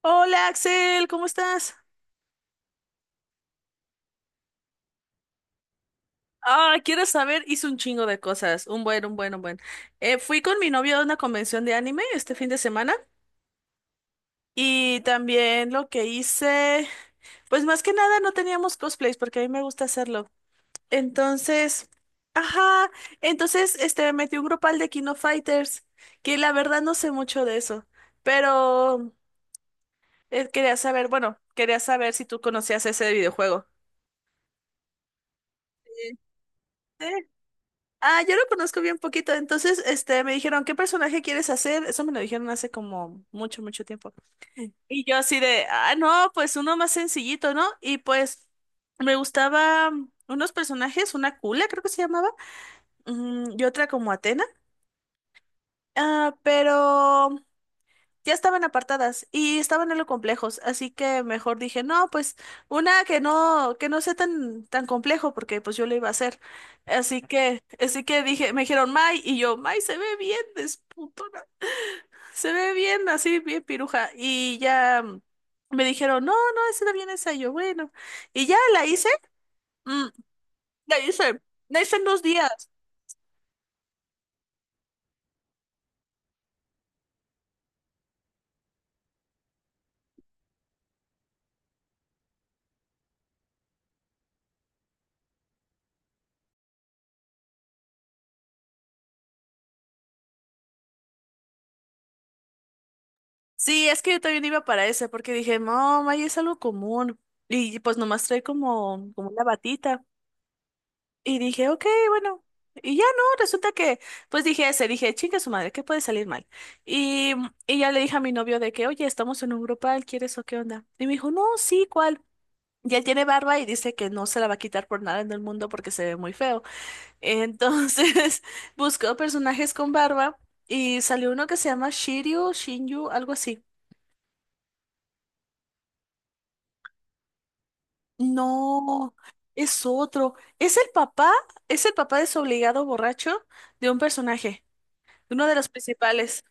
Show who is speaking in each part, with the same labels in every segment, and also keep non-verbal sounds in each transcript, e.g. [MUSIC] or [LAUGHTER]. Speaker 1: Hola Axel, ¿cómo estás? Ah, ¿quieres saber? Hice un chingo de cosas, un buen, un buen, un buen. Fui con mi novio a una convención de anime este fin de semana y también lo que hice, pues más que nada no teníamos cosplays porque a mí me gusta hacerlo. Entonces, ajá, entonces este metí un grupal de Kino Fighters, que la verdad no sé mucho de eso, pero quería saber, bueno, quería saber si tú conocías ese videojuego. Sí. Ah, yo lo conozco bien poquito. Entonces, este, me dijeron, ¿qué personaje quieres hacer? Eso me lo dijeron hace como mucho, mucho tiempo. Y yo así de, ah, no, pues uno más sencillito, ¿no? Y pues me gustaba unos personajes, una Kula, creo que se llamaba, y otra como Atena. Ah, pero ya estaban apartadas y estaban algo complejos, así que mejor dije, no, pues una que no sea tan, tan complejo, porque pues yo lo iba a hacer. Así que dije, me dijeron May, y yo, May se ve bien, desputona, se ve bien, así bien piruja. Y ya me dijeron, no, no, esa era bien esa, y yo, bueno. Y ya la hice, mm, la hice, la hice en 2 días. Sí, es que yo también iba para ese, porque dije, no, May es algo común. Y pues nomás trae como una batita. Y dije, ok, bueno. Y ya no, resulta que, pues dije, chinga su madre, ¿qué puede salir mal? Y, y ya le dije a mi novio de que, oye, estamos en un grupal, ¿quieres o qué onda? Y me dijo, no, sí, ¿cuál? Y él tiene barba y dice que no se la va a quitar por nada en el mundo porque se ve muy feo. Entonces, [LAUGHS] buscó personajes con barba y salió uno que se llama Shiryu, Shinyu, algo así. No, es otro. Es el papá, es el papá desobligado borracho de un personaje. Uno de los principales.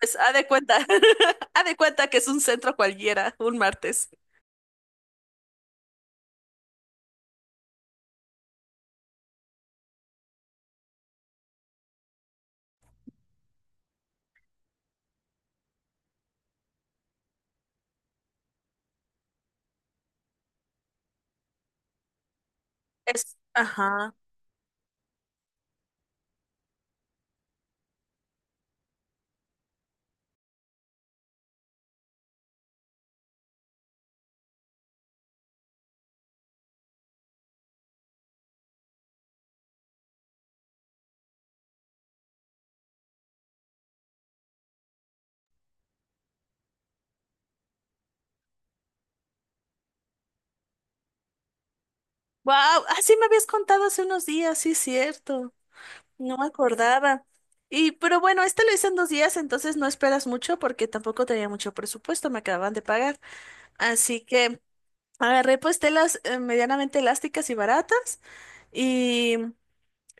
Speaker 1: Pues haz de cuenta, [LAUGHS] haz de cuenta que es un centro cualquiera, un martes. Es, ajá. Wow, así me habías contado hace unos días, sí, cierto. No me acordaba. Pero bueno, este lo hice en 2 días, entonces no esperas mucho porque tampoco tenía mucho presupuesto, me acababan de pagar. Así que agarré pues telas medianamente elásticas y baratas. Y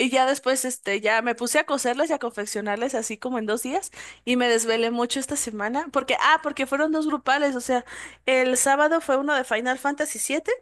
Speaker 1: Y ya después, este, ya me puse a coserlas y a confeccionarles así como en 2 días, y me desvelé mucho esta semana porque fueron dos grupales, o sea, el sábado fue uno de Final Fantasy VII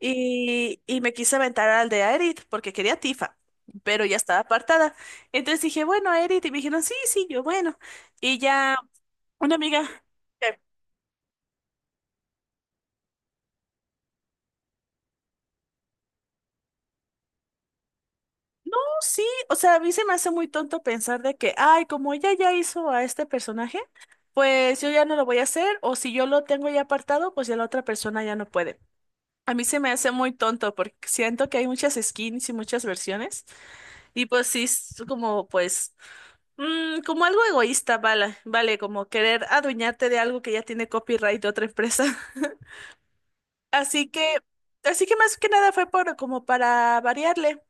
Speaker 1: y me quise aventar al de Aerith porque quería Tifa, pero ya estaba apartada. Entonces dije, bueno, Aerith, y me dijeron, sí, sí, yo, bueno. Y ya una amiga... No, sí, o sea, a mí se me hace muy tonto pensar de que, ay, como ella ya hizo a este personaje, pues yo ya no lo voy a hacer, o si yo lo tengo ya apartado, pues ya la otra persona ya no puede. A mí se me hace muy tonto porque siento que hay muchas skins y muchas versiones, y pues sí, es como algo egoísta, vale, vale, como querer adueñarte de algo que ya tiene copyright de otra empresa. [LAUGHS] Así que, así que más que nada fue como para variarle.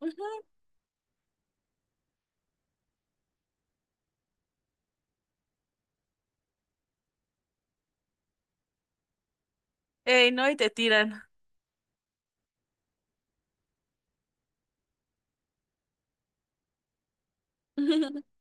Speaker 1: Ujú. No, y te tiran. [LAUGHS]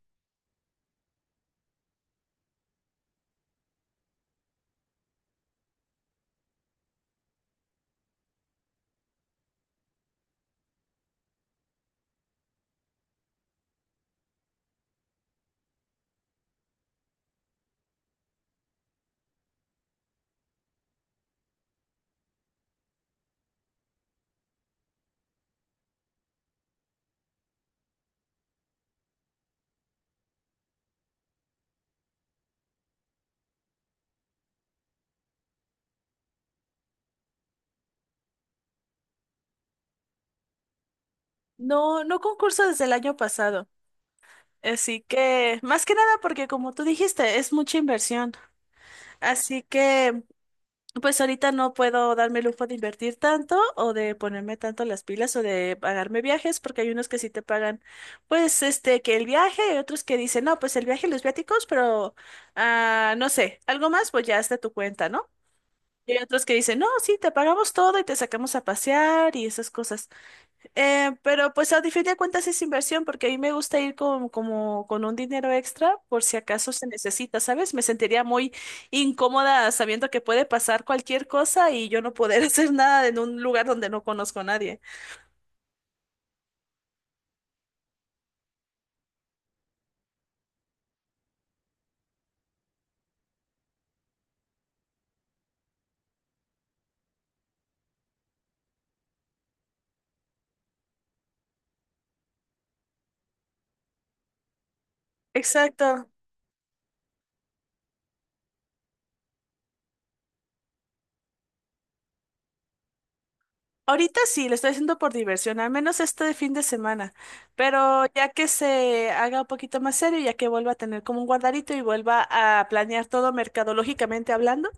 Speaker 1: No, no concurso desde el año pasado. Así que, más que nada porque como tú dijiste, es mucha inversión. Así que, pues ahorita no puedo darme el lujo de invertir tanto o de ponerme tanto las pilas o de pagarme viajes porque hay unos que sí te pagan, pues, este, que el viaje, y otros que dicen, no, pues el viaje y los viáticos, pero, no sé, algo más, pues ya es de tu cuenta, ¿no? Y hay otros que dicen, no, sí, te pagamos todo y te sacamos a pasear y esas cosas. Pero pues a fin de cuentas es inversión porque a mí me gusta ir con, como con un dinero extra por si acaso se necesita, ¿sabes? Me sentiría muy incómoda sabiendo que puede pasar cualquier cosa y yo no poder [LAUGHS] hacer nada en un lugar donde no conozco a nadie. Exacto. Ahorita sí, lo estoy haciendo por diversión, al menos este fin de semana. Pero ya que se haga un poquito más serio, ya que vuelva a tener como un guardarito y vuelva a planear todo mercadológicamente hablando,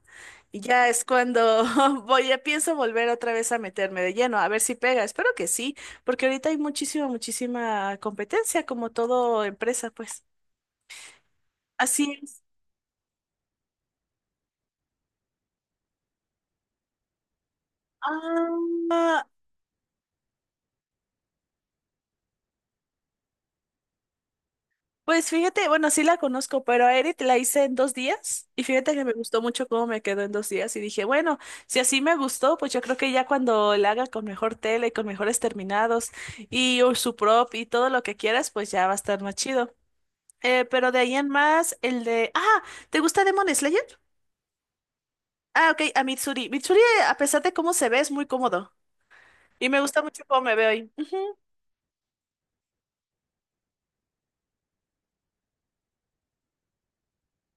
Speaker 1: y ya es cuando [LAUGHS] ya pienso volver otra vez a meterme de lleno, a ver si pega. Espero que sí, porque ahorita hay muchísima, muchísima competencia, como todo empresa, pues. Así es. Ah, pues fíjate, bueno, sí la conozco, pero a Edith la hice en 2 días y fíjate que me gustó mucho cómo me quedó en 2 días y dije, bueno, si así me gustó, pues yo creo que ya cuando la haga con mejor tela y con mejores terminados y o su prop y todo lo que quieras, pues ya va a estar más chido. Pero de ahí en más, el de... Ah, ¿te gusta Demon Slayer? Ah, ok, a Mitsuri. Mitsuri, a pesar de cómo se ve, es muy cómodo y me gusta mucho cómo me veo ahí.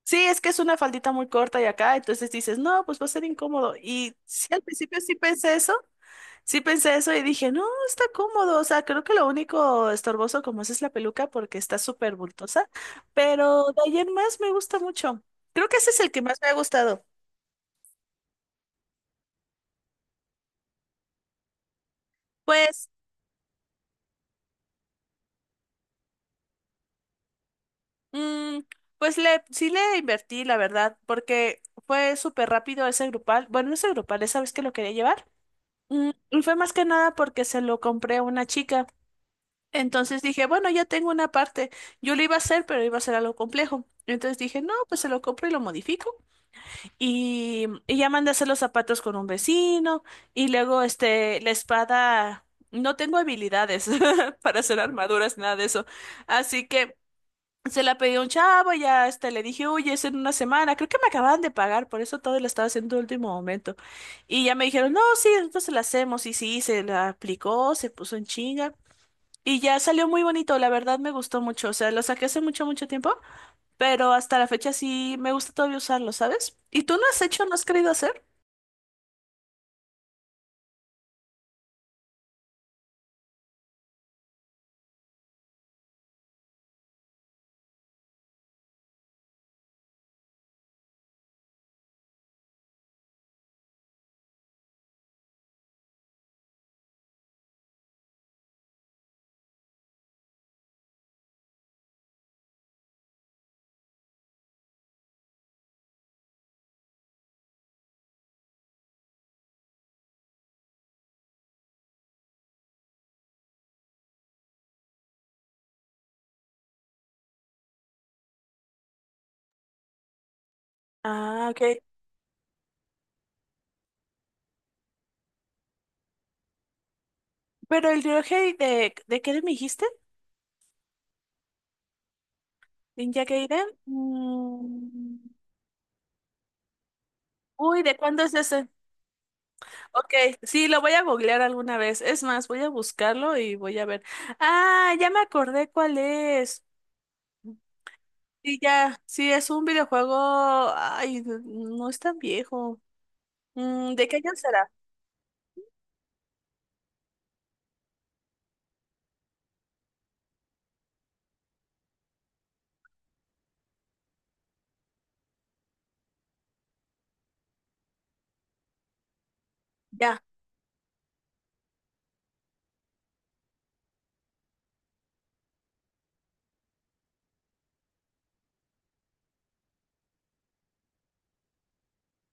Speaker 1: Sí, es que es una faldita muy corta y acá, entonces dices, no, pues va a ser incómodo. Y sí, al principio sí pensé eso y dije, no, está cómodo, o sea, creo que lo único estorboso como es la peluca porque está súper bultosa, pero de ahí en más me gusta mucho. Creo que ese es el que más me ha gustado. Pues, mm, sí le invertí, la verdad, porque fue súper rápido ese grupal. Bueno, no ese grupal, ¿sabes que lo quería llevar? Y fue más que nada porque se lo compré a una chica. Entonces dije, bueno, ya tengo una parte. Yo lo iba a hacer, pero iba a ser algo complejo. Entonces dije, no, pues se lo compro y lo modifico. Y ya mandé a hacer los zapatos con un vecino. Y luego, este, la espada. No tengo habilidades [LAUGHS] para hacer armaduras, nada de eso. Así que se la pedí a un chavo, ya este, le dije, oye, es en una semana. Creo que me acababan de pagar, por eso todo lo estaba haciendo de último momento. Y ya me dijeron, no, sí, entonces la hacemos. Y sí, se la aplicó, se puso en chinga. Y ya salió muy bonito, la verdad me gustó mucho. O sea, lo saqué hace mucho, mucho tiempo, pero hasta la fecha sí me gusta todavía usarlo, ¿sabes? ¿Y tú no has hecho, no has querido hacer? Ah, ok. Pero el Ryohei ¿De qué me dijiste? ¿Ninja Gaiden? Mm. Uy, ¿de cuándo es ese? Ok, sí, lo voy a googlear alguna vez. Es más, voy a buscarlo y voy a ver. Ah, ya me acordé cuál es. Sí, ya, sí, es un videojuego. Ay, no es tan viejo. ¿De qué año será? Ya.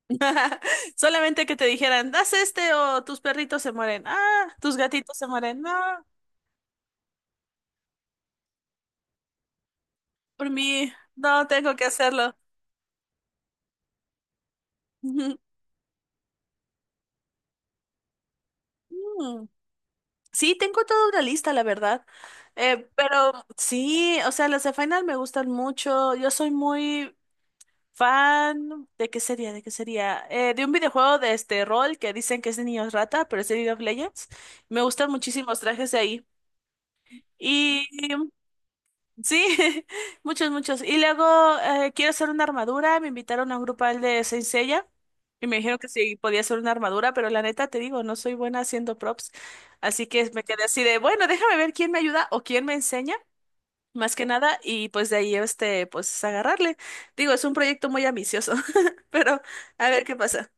Speaker 1: [LAUGHS] Solamente que te dijeran, haz este o tus perritos se mueren. Ah, tus gatitos se mueren. No, por mí, no tengo que hacerlo. [LAUGHS] Ujú. Mm. Sí, tengo toda una lista, la verdad. Pero sí, o sea, las de Final me gustan mucho. Yo soy muy fan de qué sería, de qué sería. De un videojuego de este rol que dicen que es de niños rata, pero es de League of Legends. Me gustan muchísimos trajes de ahí. Y sí, [LAUGHS] muchos, muchos. Y luego quiero hacer una armadura. Me invitaron a un grupal de Saint Seiya y me dijeron que sí podía hacer una armadura, pero la neta te digo, no soy buena haciendo props. Así que me quedé así de, bueno, déjame ver quién me ayuda o quién me enseña, más que nada, y pues de ahí este, pues agarrarle. Digo, es un proyecto muy ambicioso, [LAUGHS] pero a ver qué pasa.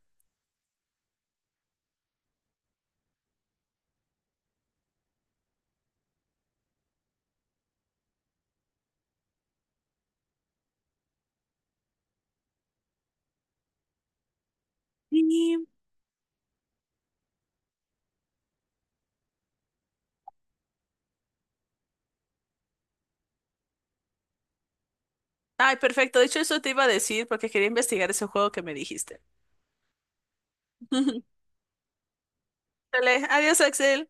Speaker 1: Y- Ay, perfecto. De hecho, eso te iba a decir porque quería investigar ese juego que me dijiste. [LAUGHS] Dale, adiós, Axel.